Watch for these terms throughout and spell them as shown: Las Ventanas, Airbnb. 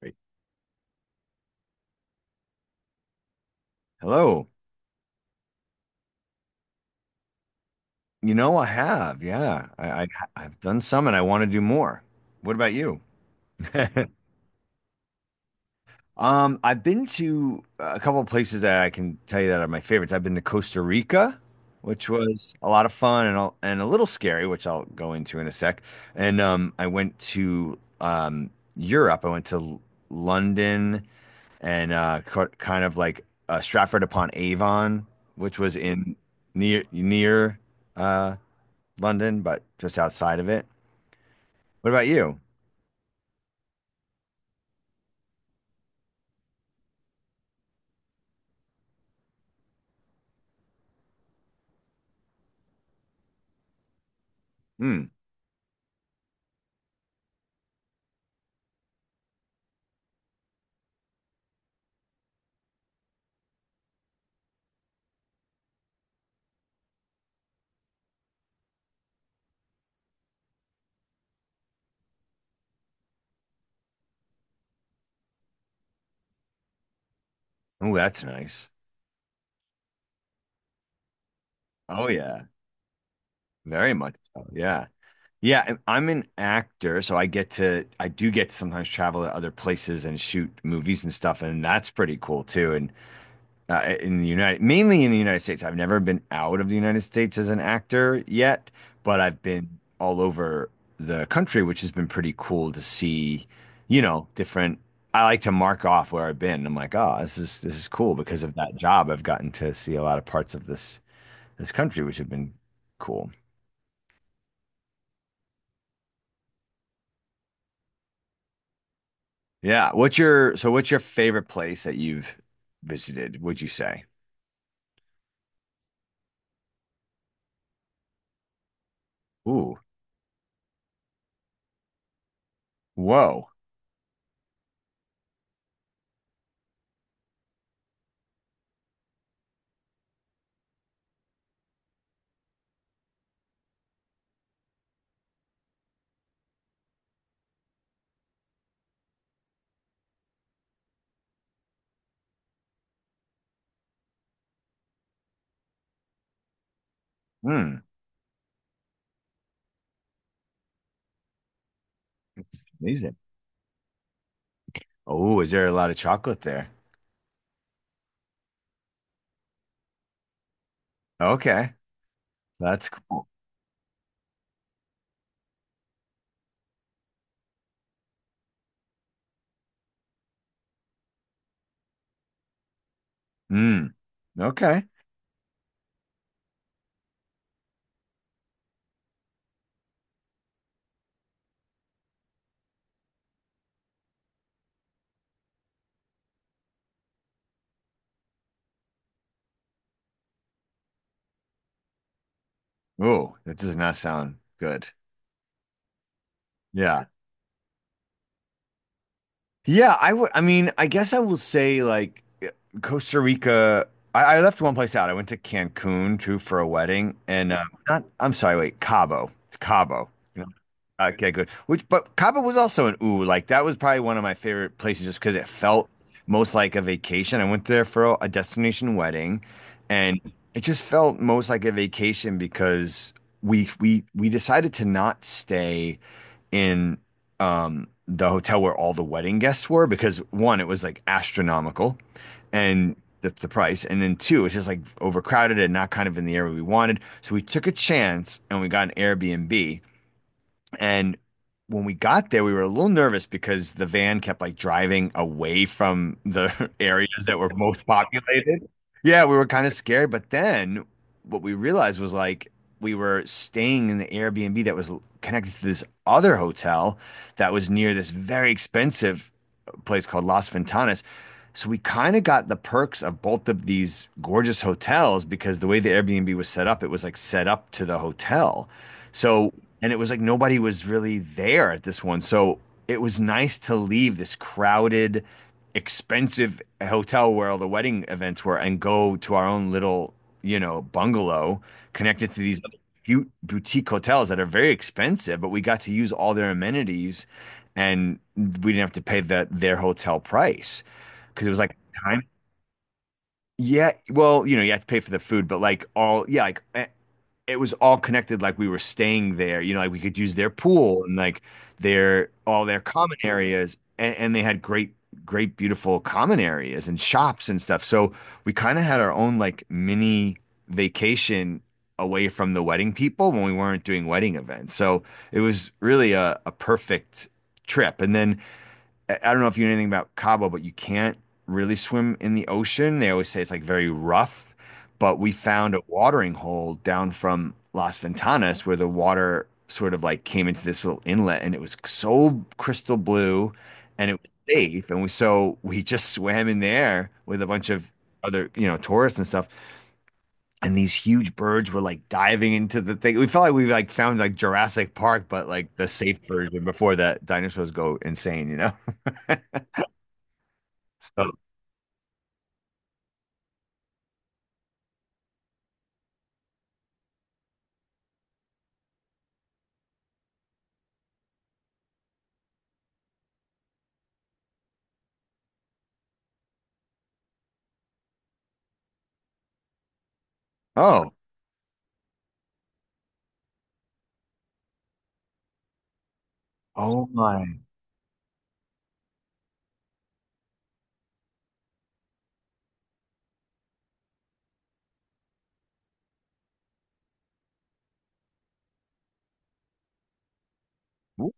Great. Hello. You know, I have. Yeah, I've done some, and I want to do more. What about you? I've been to a couple of places that I can tell you that are my favorites. I've been to Costa Rica, which was a lot of fun and a little scary, which I'll go into in a sec. And I went to Europe. I went to L- London and kind of like Stratford upon Avon, which was in near uh, London, but just outside of it. What about you? Hmm. Oh, that's nice. Oh yeah, very much so. Yeah. Yeah, and I'm an actor, so I do get to sometimes travel to other places and shoot movies and stuff, and that's pretty cool too. And mainly in the United States. I've never been out of the United States as an actor yet, but I've been all over the country, which has been pretty cool to see, you know, different. I like to mark off where I've been. I'm like, oh, this is cool because of that job. I've gotten to see a lot of parts of this country, which have been cool. Yeah. What's your so what's your favorite place that you've visited, would you say? Ooh. Whoa. Hmm. Amazing. Oh, is there a lot of chocolate there? Okay. That's cool. Mm, okay. Oh, that does not sound good. Yeah. Yeah, I would I mean, I guess I will say like Costa Rica. I left one place out. I went to Cancun too for a wedding and not I'm sorry, wait, Cabo. It's Cabo. Okay, good. Which, but Cabo was also an ooh. Like that was probably one of my favorite places, just because it felt most like a vacation. I went there for a destination wedding, and it just felt most like a vacation because we decided to not stay in the hotel where all the wedding guests were because one, it was like astronomical, and the price, and then two, it's just like overcrowded and not kind of in the area we wanted. So we took a chance and we got an Airbnb and when we got there, we were a little nervous because the van kept like driving away from the areas that were most populated. Yeah, we were kind of scared. But then what we realized was like we were staying in the Airbnb that was connected to this other hotel that was near this very expensive place called Las Ventanas. So we kind of got the perks of both of these gorgeous hotels because the way the Airbnb was set up, it was like set up to the hotel. So and it was like nobody was really there at this one. So it was nice to leave this crowded, expensive hotel where all the wedding events were and go to our own little, you know, bungalow connected to these boutique hotels that are very expensive, but we got to use all their amenities and we didn't have to pay their hotel price because it was like time. Yeah, well, you know, you have to pay for the food, but like all, yeah, it was all connected like we were staying there you know like we could use their pool and like their all their common areas, and they had great beautiful common areas and shops and stuff, so we kind of had our own like mini vacation away from the wedding people when we weren't doing wedding events, so it was really a perfect trip. And then I don't know if you know anything about Cabo, but you can't really swim in the ocean. They always say it's like very rough, but we found a watering hole down from Las Ventanas where the water sort of like came into this little inlet and it was so crystal blue and it was safe. And so we just swam in there with a bunch of other, you know, tourists and stuff. And these huge birds were like diving into the thing. We felt like we like found like Jurassic Park, but like the safe version before that dinosaurs go insane, you know? So oh, oh my. Ooh.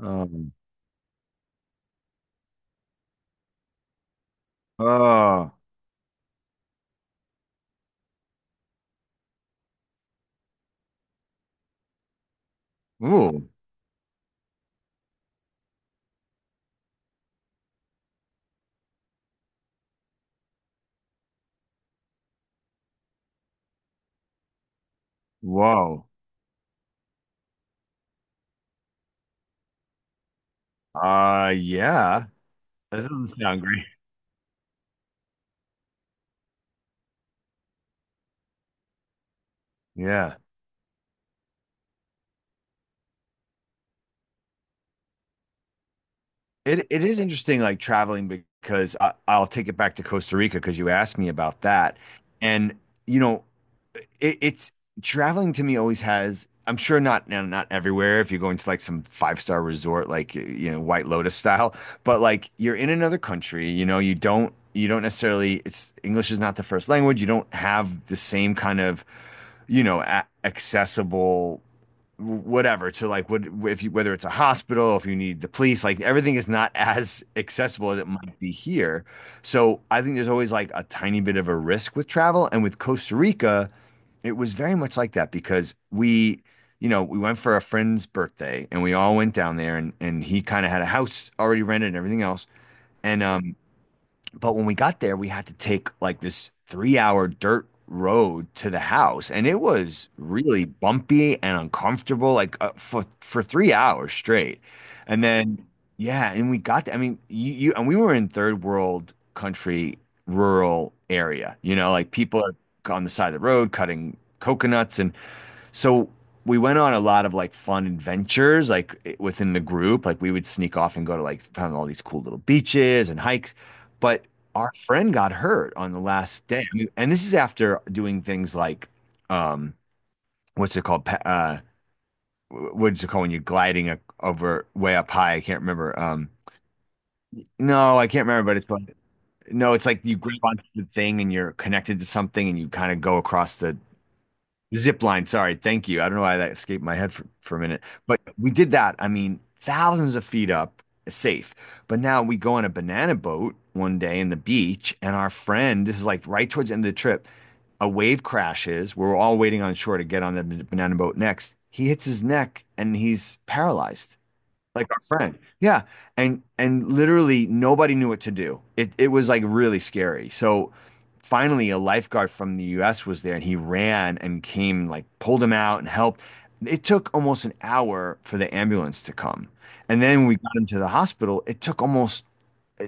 Um, uh, ooh, whoa. Yeah. That doesn't sound great. Yeah. It is interesting, like traveling because I'll take it back to Costa Rica because you asked me about that. And you know, it's traveling to me always has. I'm sure not everywhere, if you're going to like some five-star resort, like you know, white lotus style, but like you're in another country, you know, you don't necessarily, it's english is not the first language, you don't have the same kind of, you know, accessible whatever to like what if you, whether it's a hospital, if you need the police, like everything is not as accessible as it might be here. So I think there's always like a tiny bit of a risk with travel. And with Costa Rica it was very much like that because you know, we went for a friend's birthday and we all went down there, and he kind of had a house already rented and everything else. And But when we got there, we had to take like this 3 hour dirt road to the house, and it was really bumpy and uncomfortable, like for 3 hours straight. And then, yeah, and we got there. I mean, you and we were in third world country, rural area. You know, like people are on the side of the road cutting coconuts, and so we went on a lot of like fun adventures, like within the group. Like we would sneak off and go to like found all these cool little beaches and hikes. But our friend got hurt on the last day. I mean, and this is after doing things like, um, what's it called? What's it called when you're gliding over way up high? I can't remember. No, I can't remember, but it's like, no, it's like you grab onto the thing and you're connected to something and you kind of go across the Zip line, sorry, thank you. I don't know why that escaped my head for a minute, but we did that. I mean, thousands of feet up, safe. But now we go on a banana boat one day in the beach, and our friend, this is like right towards the end of the trip, a wave crashes. We're all waiting on shore to get on the banana boat next. He hits his neck and he's paralyzed like our friend. Yeah. And literally nobody knew what to do. It was like really scary. So finally a lifeguard from the US was there and he ran and came like pulled him out and helped. It took almost an hour for the ambulance to come. And then when we got him to the hospital, it took almost uh,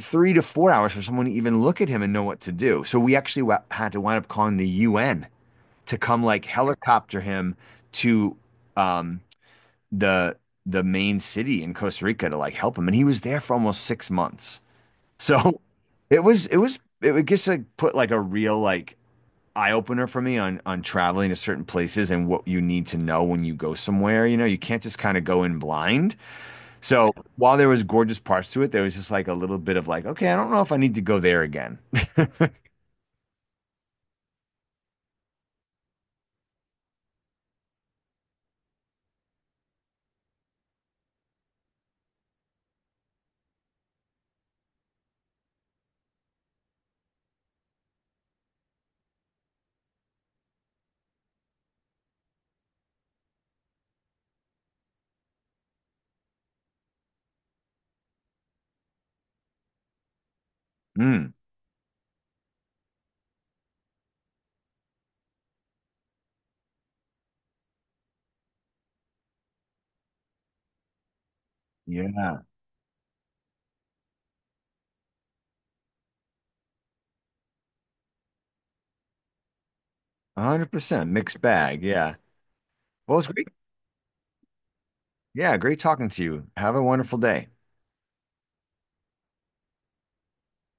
3 to 4 hours for someone to even look at him and know what to do. So we actually had to wind up calling the UN to come like helicopter him to um, the the main city in Costa Rica to like help him, and he was there for almost 6 months. So it was it would just like put like a real like eye opener for me on traveling to certain places and what you need to know when you go somewhere. You know, you can't just kind of go in blind. So while there was gorgeous parts to it, there was just like a little bit of like, okay, I don't know if I need to go there again. Mm, yeah, 100% mixed bag. Yeah. Well, it's great. Yeah, great talking to you. Have a wonderful day.